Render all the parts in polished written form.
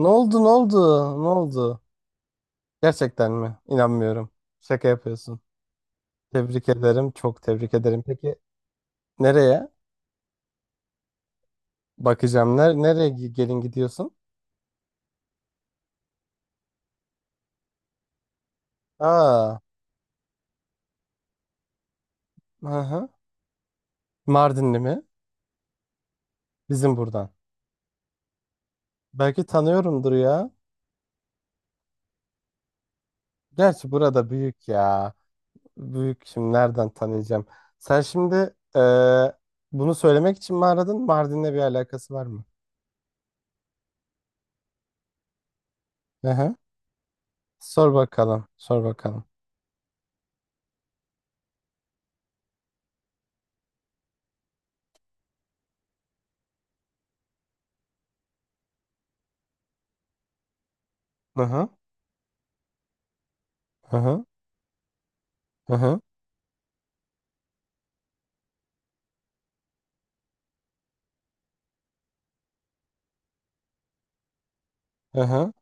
Ne oldu ne oldu ne oldu? Gerçekten mi? İnanmıyorum. Şaka yapıyorsun. Tebrik ederim. Çok tebrik ederim. Peki nereye? Bakacağım. Gelin gidiyorsun? Aa, hı hı. Mardinli mi? Bizim buradan. Belki tanıyorumdur ya. Gerçi burada büyük ya. Büyük şimdi nereden tanıyacağım? Sen şimdi bunu söylemek için mi aradın? Mardin'le bir alakası var mı? Hı hı. Sor bakalım. Sor bakalım. Hı hı. Hı hı. Hı hı. Hı hı.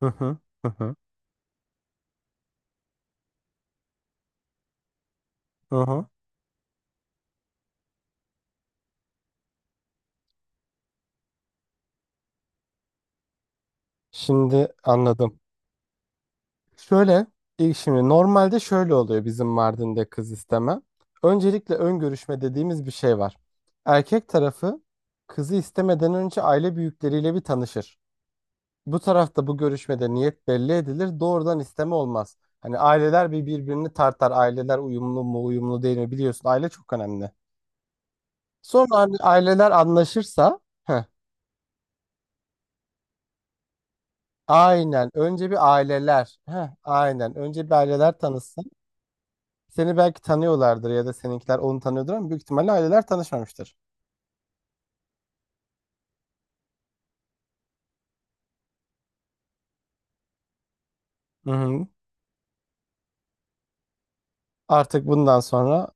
Hı hı. Hı hı. Hı hı. Şimdi anladım. Şöyle, ilk şimdi normalde şöyle oluyor bizim Mardin'de kız isteme. Öncelikle ön görüşme dediğimiz bir şey var. Erkek tarafı kızı istemeden önce aile büyükleriyle bir tanışır. Bu tarafta bu görüşmede niyet belli edilir. Doğrudan isteme olmaz. Hani aileler bir birbirini tartar. Aileler uyumlu mu, uyumlu değil mi biliyorsun. Aile çok önemli. Sonra hani aileler anlaşırsa heh, aynen. Önce bir aileler. Heh, aynen. Önce bir aileler tanısın. Seni belki tanıyorlardır ya da seninkiler onu tanıyordur ama büyük ihtimalle aileler tanışmamıştır. Hı hı. Artık bundan sonra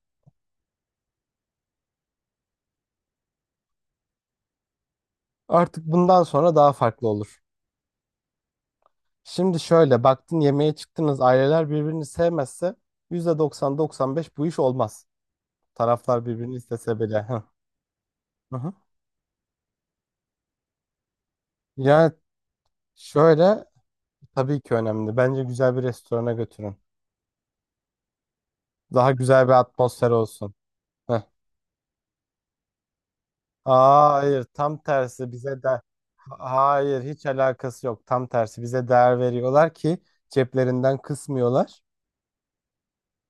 artık bundan sonra daha farklı olur. Şimdi şöyle baktın yemeğe çıktınız aileler birbirini sevmezse yüzde doksan doksan beş bu iş olmaz. Taraflar birbirini istese bile. Hı hı. hı. Yani şöyle, tabii ki önemli. Bence güzel bir restorana götürün. Daha güzel bir atmosfer olsun. Hı. Aa, hayır tam tersi bize de Ha- hayır hiç alakası yok tam tersi bize değer veriyorlar ki ceplerinden kısmıyorlar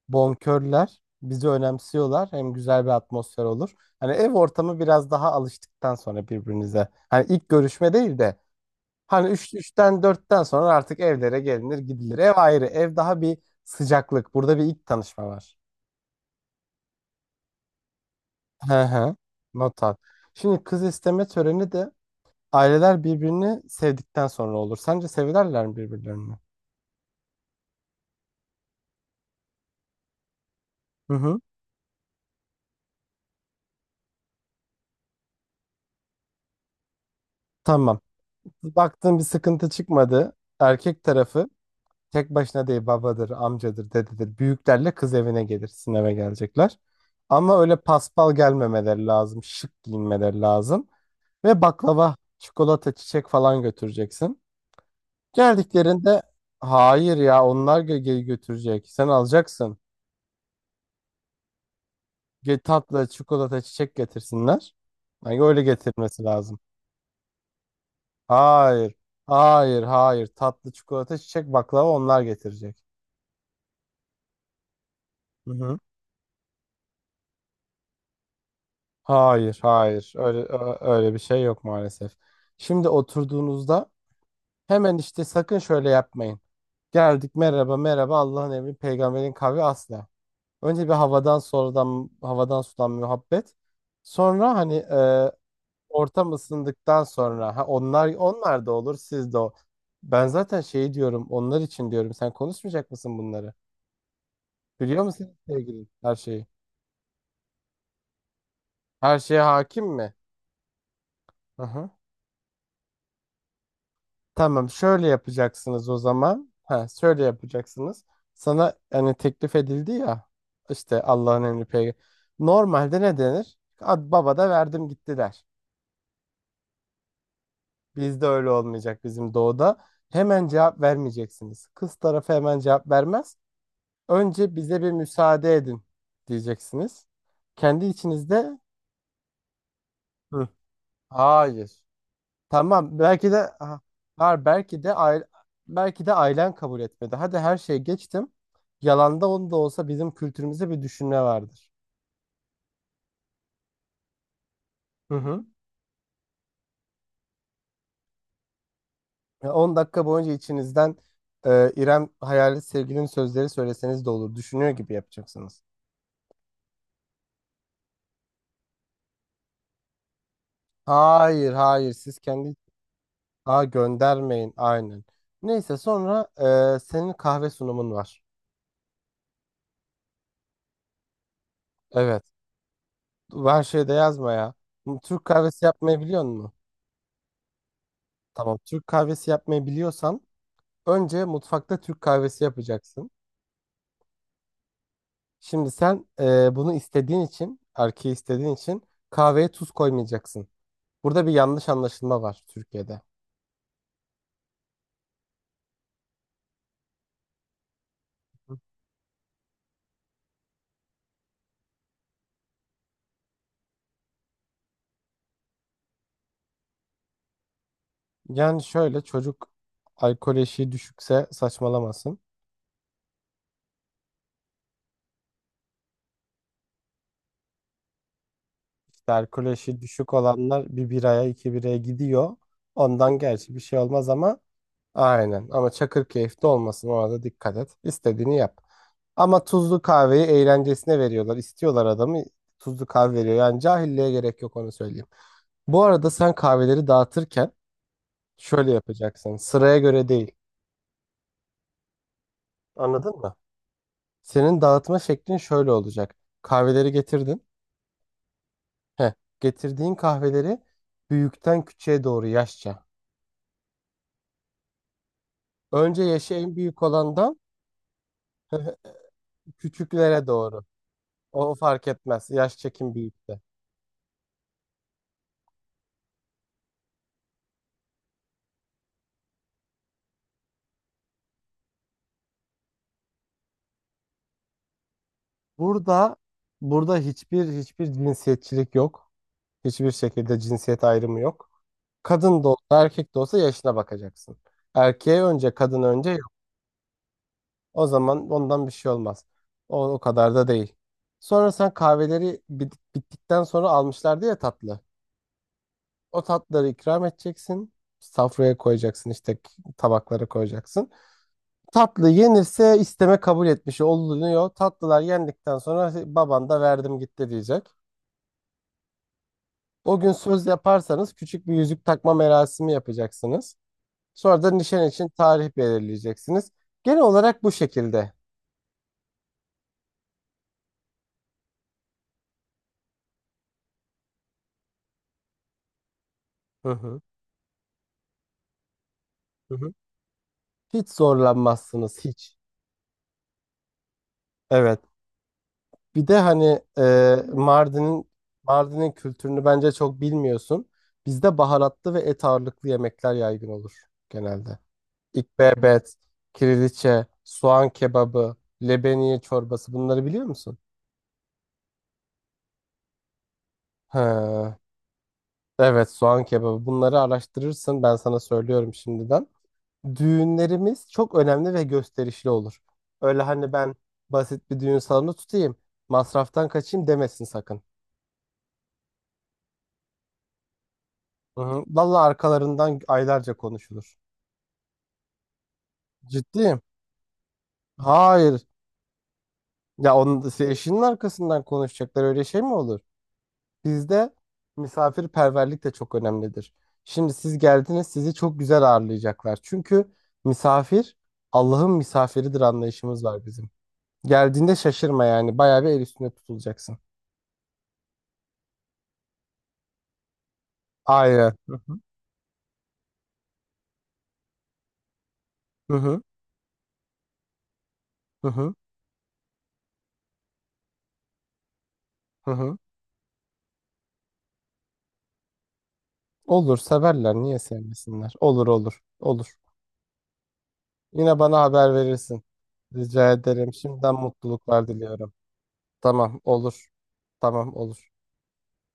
bonkörler bizi önemsiyorlar hem güzel bir atmosfer olur hani ev ortamı biraz daha alıştıktan sonra birbirinize hani ilk görüşme değil de hani 3 üçten dörtten sonra artık evlere gelinir gidilir ev ayrı ev daha bir sıcaklık burada bir ilk tanışma var. Hı hı. Not al. Şimdi kız isteme töreni de aileler birbirini sevdikten sonra olur. Sence severler mi birbirlerini? Hı hı. Tamam. Baktığın bir sıkıntı çıkmadı. Erkek tarafı tek başına değil babadır, amcadır, dededir. Büyüklerle kız evine gelir. Sizin eve gelecekler. Ama öyle paspal gelmemeleri lazım. Şık giyinmeleri lazım. Ve baklava, çikolata, çiçek falan götüreceksin. Geldiklerinde hayır ya götürecek. Sen alacaksın. Tatlı, çikolata, çiçek getirsinler. Yani öyle getirmesi lazım. Hayır. Hayır, hayır. Tatlı çikolata, çiçek, baklava onlar getirecek. Hı hı. Hayır, hayır. Öyle bir şey yok maalesef. Şimdi oturduğunuzda hemen işte sakın şöyle yapmayın. Geldik merhaba merhaba Allah'ın emri peygamberin kavli asla. Önce bir havadan sonradan havadan sudan muhabbet. Sonra hani ortam ısındıktan sonra ha, onlar da olur siz de o. Ben zaten şey diyorum onlar için diyorum sen konuşmayacak mısın bunları? Biliyor musun sevgilin her şeyi? Her şeye hakim mi? Hı hı. Tamam şöyle yapacaksınız o zaman. Ha, şöyle yapacaksınız. Sana hani teklif edildi ya işte Allah'ın emri peygamber. Normalde ne denir? Ad baba da verdim gitti der. Bizde öyle olmayacak bizim doğuda. Hemen cevap vermeyeceksiniz. Kız tarafı hemen cevap vermez. Önce bize bir müsaade edin diyeceksiniz. Kendi içinizde hı. Hayır. Tamam ha, belki de aile, belki de ailen kabul etmedi. Hadi her şeyi geçtim. Yalanda onu da olsa bizim kültürümüzde bir düşünme vardır. Hı hı. Ya 10 dakika boyunca içinizden İrem hayali sevgilinin sözleri söyleseniz de olur. Düşünüyor gibi yapacaksınız. Hayır, siz kendi ha, göndermeyin aynen. Neyse sonra senin kahve sunumun var. Evet. Her şeyde yazma ya. Türk kahvesi yapmayı biliyor musun? Tamam. Türk kahvesi yapmayı biliyorsan önce mutfakta Türk kahvesi yapacaksın. Şimdi sen bunu istediğin için, erkeği istediğin için kahveye tuz koymayacaksın. Burada bir yanlış anlaşılma var Türkiye'de. Yani şöyle çocuk alkol eşiği düşükse saçmalamasın. İşte alkol eşiği düşük olanlar bir biraya iki biraya gidiyor. Ondan gerçi bir şey olmaz ama aynen ama Çakırkeyif'te olmasın ona da dikkat et. İstediğini yap. Ama tuzlu kahveyi eğlencesine veriyorlar. İstiyorlar adamı tuzlu kahve veriyor. Yani cahilliğe gerek yok onu söyleyeyim. Bu arada sen kahveleri dağıtırken şöyle yapacaksın. Sıraya göre değil. Anladın mı? Senin dağıtma şeklin şöyle olacak. Kahveleri getirdin. Heh, getirdiğin kahveleri büyükten küçüğe doğru yaşça. Önce yaşı en büyük olandan küçüklere doğru. O fark etmez. Yaş çekim büyükte. Burada burada hiçbir cinsiyetçilik yok. Hiçbir şekilde cinsiyet ayrımı yok. Kadın da olsa erkek de olsa yaşına bakacaksın. Erkeğe önce kadın önce yok. O zaman ondan bir şey olmaz. O kadar da değil. Sonra sen bittikten sonra almışlardı ya tatlı. O tatlıları ikram edeceksin. Safraya koyacaksın işte tabaklara koyacaksın. Tatlı yenirse isteme kabul etmiş olunuyor. Tatlılar yendikten sonra baban da verdim gitti diyecek. O gün söz yaparsanız küçük bir yüzük takma merasimi yapacaksınız. Sonra da nişan için tarih belirleyeceksiniz. Genel olarak bu şekilde. Hı hı. Hı hı. Hiç zorlanmazsınız hiç. Evet. Bir de hani Mardin'in kültürünü bence çok bilmiyorsun. Bizde baharatlı ve et ağırlıklı yemekler yaygın olur genelde. İkbebet, kiriliçe, soğan kebabı, lebeniye çorbası bunları biliyor musun? He. Evet, soğan kebabı. Bunları araştırırsın. Ben sana söylüyorum şimdiden. Düğünlerimiz çok önemli ve gösterişli olur. Öyle hani ben basit bir düğün salonu tutayım, masraftan kaçayım demesin sakın. Hı hı. Vallahi arkalarından aylarca konuşulur. Ciddiyim. Hayır. Ya onun eşinin arkasından konuşacaklar öyle şey mi olur? Bizde misafirperverlik de çok önemlidir. Şimdi siz geldiniz, sizi çok güzel ağırlayacaklar. Çünkü misafir Allah'ın misafiridir anlayışımız var bizim. Geldiğinde şaşırma yani. Bayağı bir el üstünde tutulacaksın. Aynen. Hı hı. Hı hı. Hı hı. Hı hı. Olur severler. Niye sevmesinler? Olur olur. Olur. Yine bana haber verirsin. Rica ederim. Şimdiden mutluluklar diliyorum. Tamam olur. Tamam olur.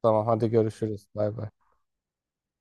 Tamam hadi görüşürüz. Bay bay.